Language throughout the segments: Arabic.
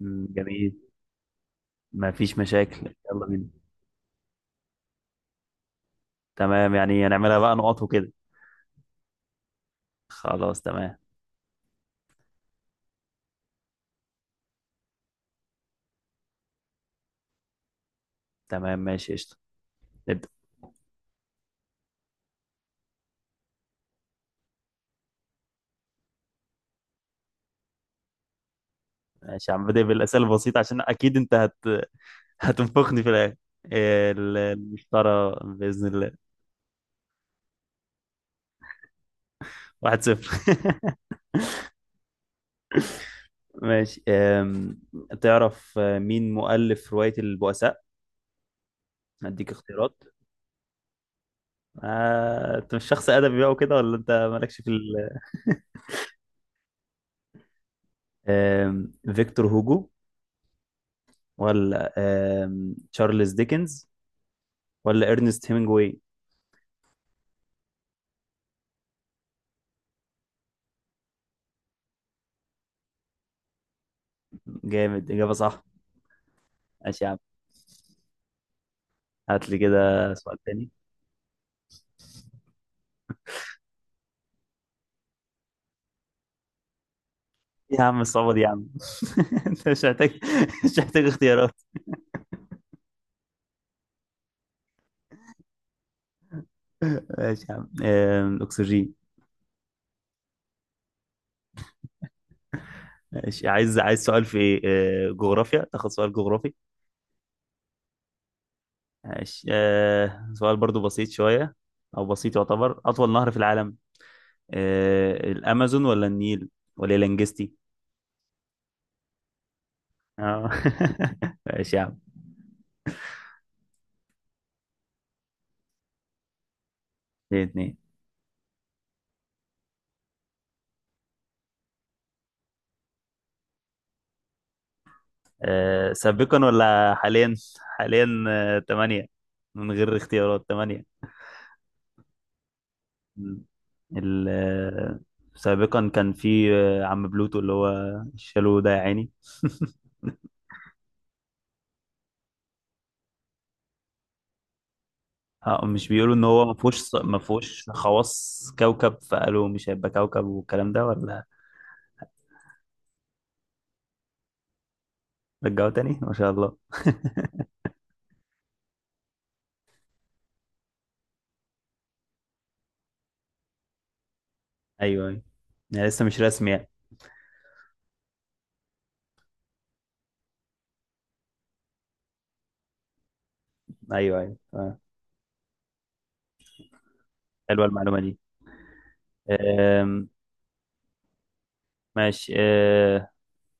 مم، جميل. ما فيش مشاكل، يلا بينا. تمام يعني هنعملها بقى نقط وكده. خلاص تمام. تمام ماشي قشطة. نبدأ. ماشي يا عم، بدأ بالأسئلة البسيطة عشان أكيد أنت هتنفخني في الآخر. المشترى بإذن الله. 1-0. ماشي، تعرف مين مؤلف رواية البؤساء؟ هديك اختيارات. انت مش شخص ادبي بقى وكده، ولا انت مالكش في فيكتور هوجو، ولا تشارلز ديكنز، ولا ارنست هيمنجواي؟ جامد، اجابه صح. ماشي يا عم، هات لي كده سؤال تاني. إيه يا عم الصعوبه دي يا عم؟ انت مش محتاج اختيارات. ماشي يا عم، اكسجين. ماشي، عايز سؤال في إيه؟ جغرافيا، تاخد سؤال جغرافي. ماشي، سؤال برضو بسيط شويه، او بسيط، يعتبر اطول نهر في العالم؟ الامازون ولا النيل ولا الانجستي؟ اه. ماشي يا عم. 2-2. سابقا ولا حاليا؟ حاليا تمانية. من غير اختيارات تمانية. م. ال- آه، سابقا كان في عم بلوتو، اللي هو الشالو ده يا عيني. مش بيقولوا ان هو ما فيهوش خواص كوكب، فقالوا مش هيبقى كوكب والكلام ده، ولا رجعوا تاني؟ ما شاء الله. ايوه ايوه. يعني لسه مش رسمي يعني. ايوه ايوه. حلوه المعلومه دي. آم، ماشي،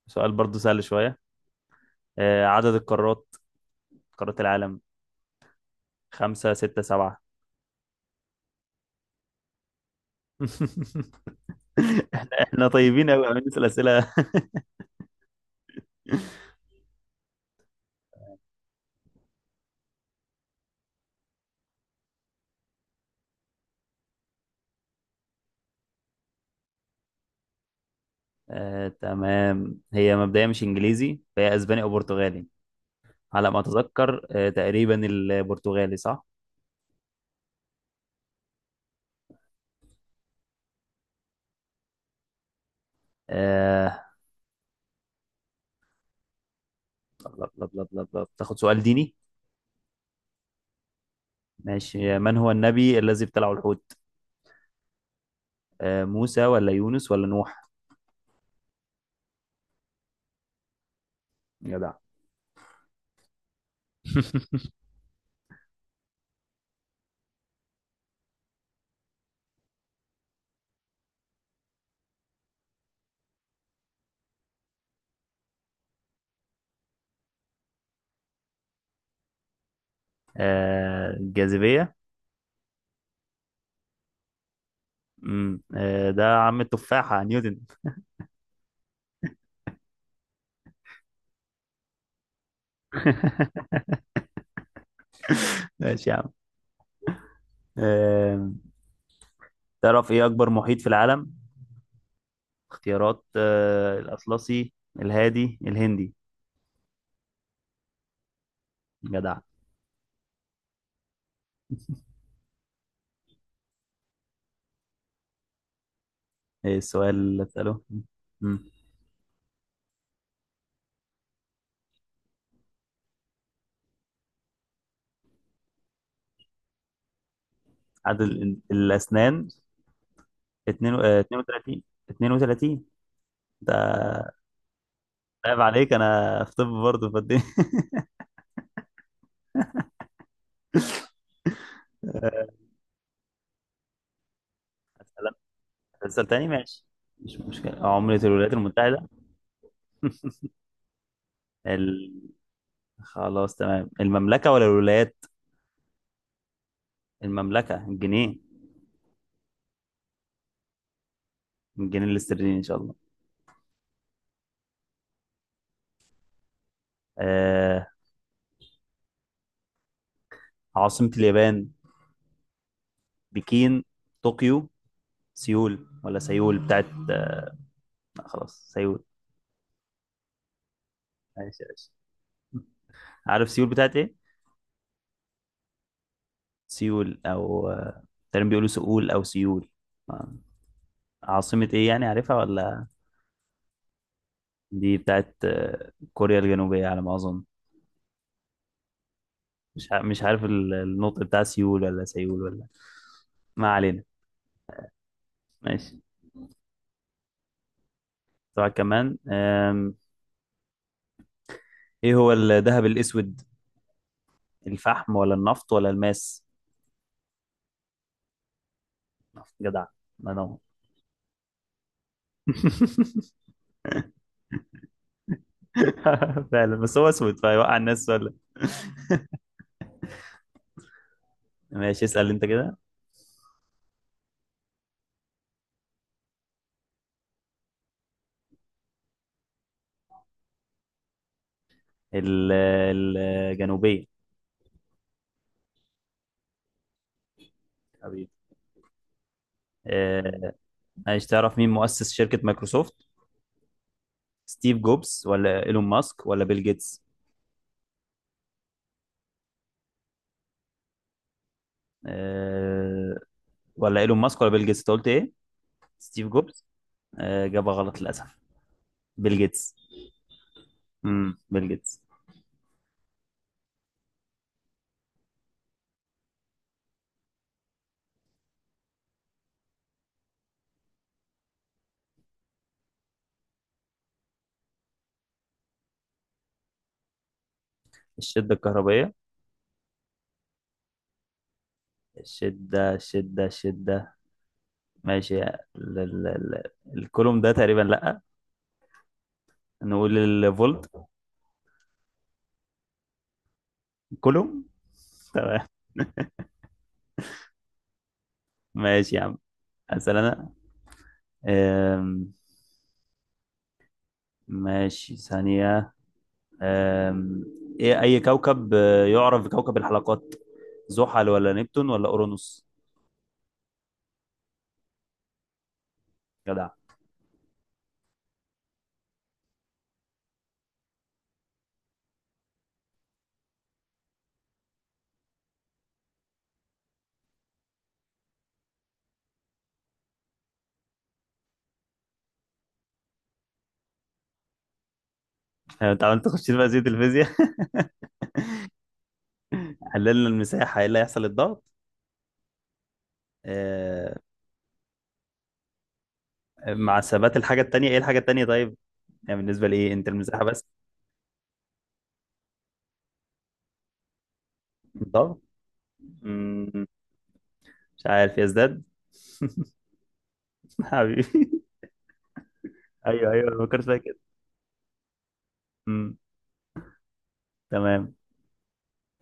سؤال برضو سهل شويه. عدد القارات، قارات العالم، خمسة ستة سبعة؟ احنا طيبين قوي عم نسأل أسئلة. تمام، هي مبدئيا مش انجليزي، فهي اسباني او برتغالي. على ما اتذكر تقريبا البرتغالي صح. آه، لب- لب- لب- لب- لب. تاخد سؤال ديني. ماشي، من هو النبي الذي ابتلعه الحوت؟ موسى ولا يونس ولا نوح؟ جدع. الجاذبية. ده عم التفاحة نيوتن. ماشي يا عم. آه، تعرف ايه اكبر محيط في العالم؟ اختيارات، الاطلسي، الهادي، الهندي؟ جدع. ايه السؤال اللي اساله؟ مم. عدد الاسنان؟ 2، 32. 32 ده. عيب عليك، انا في طب برضه فدي. اسال تاني ماشي. مش مشكله، عملة الولايات المتحدة. ال... خلاص تمام، المملكة ولا الولايات؟ المملكة، الجنيه؟ الجنيه الاسترليني ان شاء الله. آه... عاصمة اليابان؟ بكين، طوكيو، سيول؟ ولا سيول بتاعت لا خلاص سيول. معلش يا باشا، عارف سيول بتاعت ايه؟ سيول او تقريبا بيقولوا سؤول او سيول. آه، عاصمة ايه يعني، عارفها ولا؟ دي بتاعت كوريا الجنوبية على ما اظن. مش عارف النطق بتاع سيول ولا سيول ولا. ما علينا. ماشي. طبعا كمان، ايه هو الذهب الاسود؟ الفحم ولا النفط ولا الماس؟ جدع، ما نو. فعلا، بس هو اسود فيوقع الناس. ماشي، اسأل انت كده. ال- الجنوبية. حبيبي. آه، عايز تعرف مين مؤسس شركة مايكروسوفت؟ ستيف جوبز ولا ايلون ماسك ولا بيل جيتس؟ آه، ولا ايلون ماسك ولا بيل جيتس، انت قلت ايه؟ ستيف جوبز؟ اجابة غلط للاسف. بيل جيتس. بيل جيتس. الشدة الكهربائية. الشدة الشدة الشدة. ماشي، ال الكولوم ده تقريبا، لا، نقول الفولت. كولوم، تمام. ماشي يا عم. اسال انا، آم، ماشي، ثانية، أم... إيه أي كوكب يعرف بكوكب الحلقات؟ زحل ولا نبتون ولا أورانوس؟ جدع. أنت عملت تخش بقى زي الفيزياء. حللنا المساحة، إيه اللي هيحصل الضغط؟ أه... مع ثبات الحاجة التانية، إيه الحاجة التانية طيب؟ يعني بالنسبة لإيه أنت، المساحة بس؟ الضغط مم، مش عارف، يزداد. حبيبي. أيوه أيوه، ما فكرتش فيها كده. مم، تمام.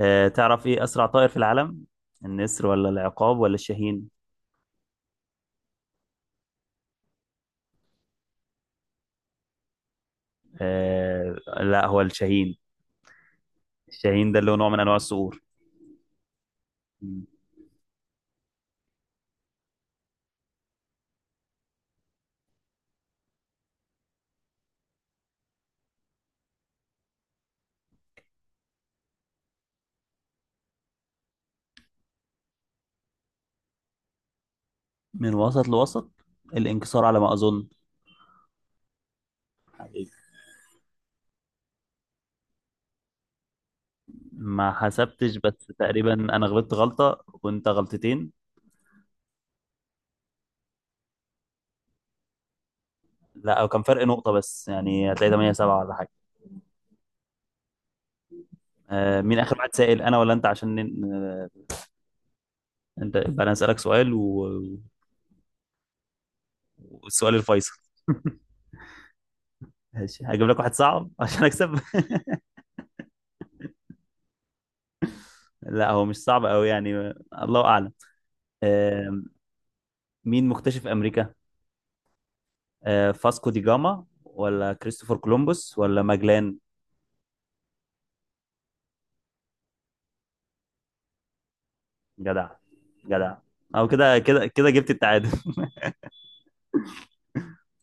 تعرف إيه أسرع طائر في العالم؟ النسر ولا العقاب ولا الشاهين؟ آه، لا هو الشاهين. الشاهين ده اللي هو نوع من انواع الصقور. من وسط لوسط، الانكسار على ما اظن. حقيقي. ما حسبتش، بس تقريبا انا غلطت غلطه وانت غلطتين. لا، او كان فرق نقطه بس، يعني هتلاقي 8-7 ولا حاجه. آه، مين اخر واحد سائل، انا ولا انت، عشان انت، يبقى انا اسالك سؤال والسؤال الفيصل. ماشي، هجيب لك واحد صعب عشان اكسب. لا، هو مش صعب قوي يعني. الله اعلم. آه، مين مكتشف امريكا؟ فاسكو دي جاما ولا كريستوفر كولومبوس ولا ماجلان؟ جدع، جدع. او كده كده كده جبت التعادل.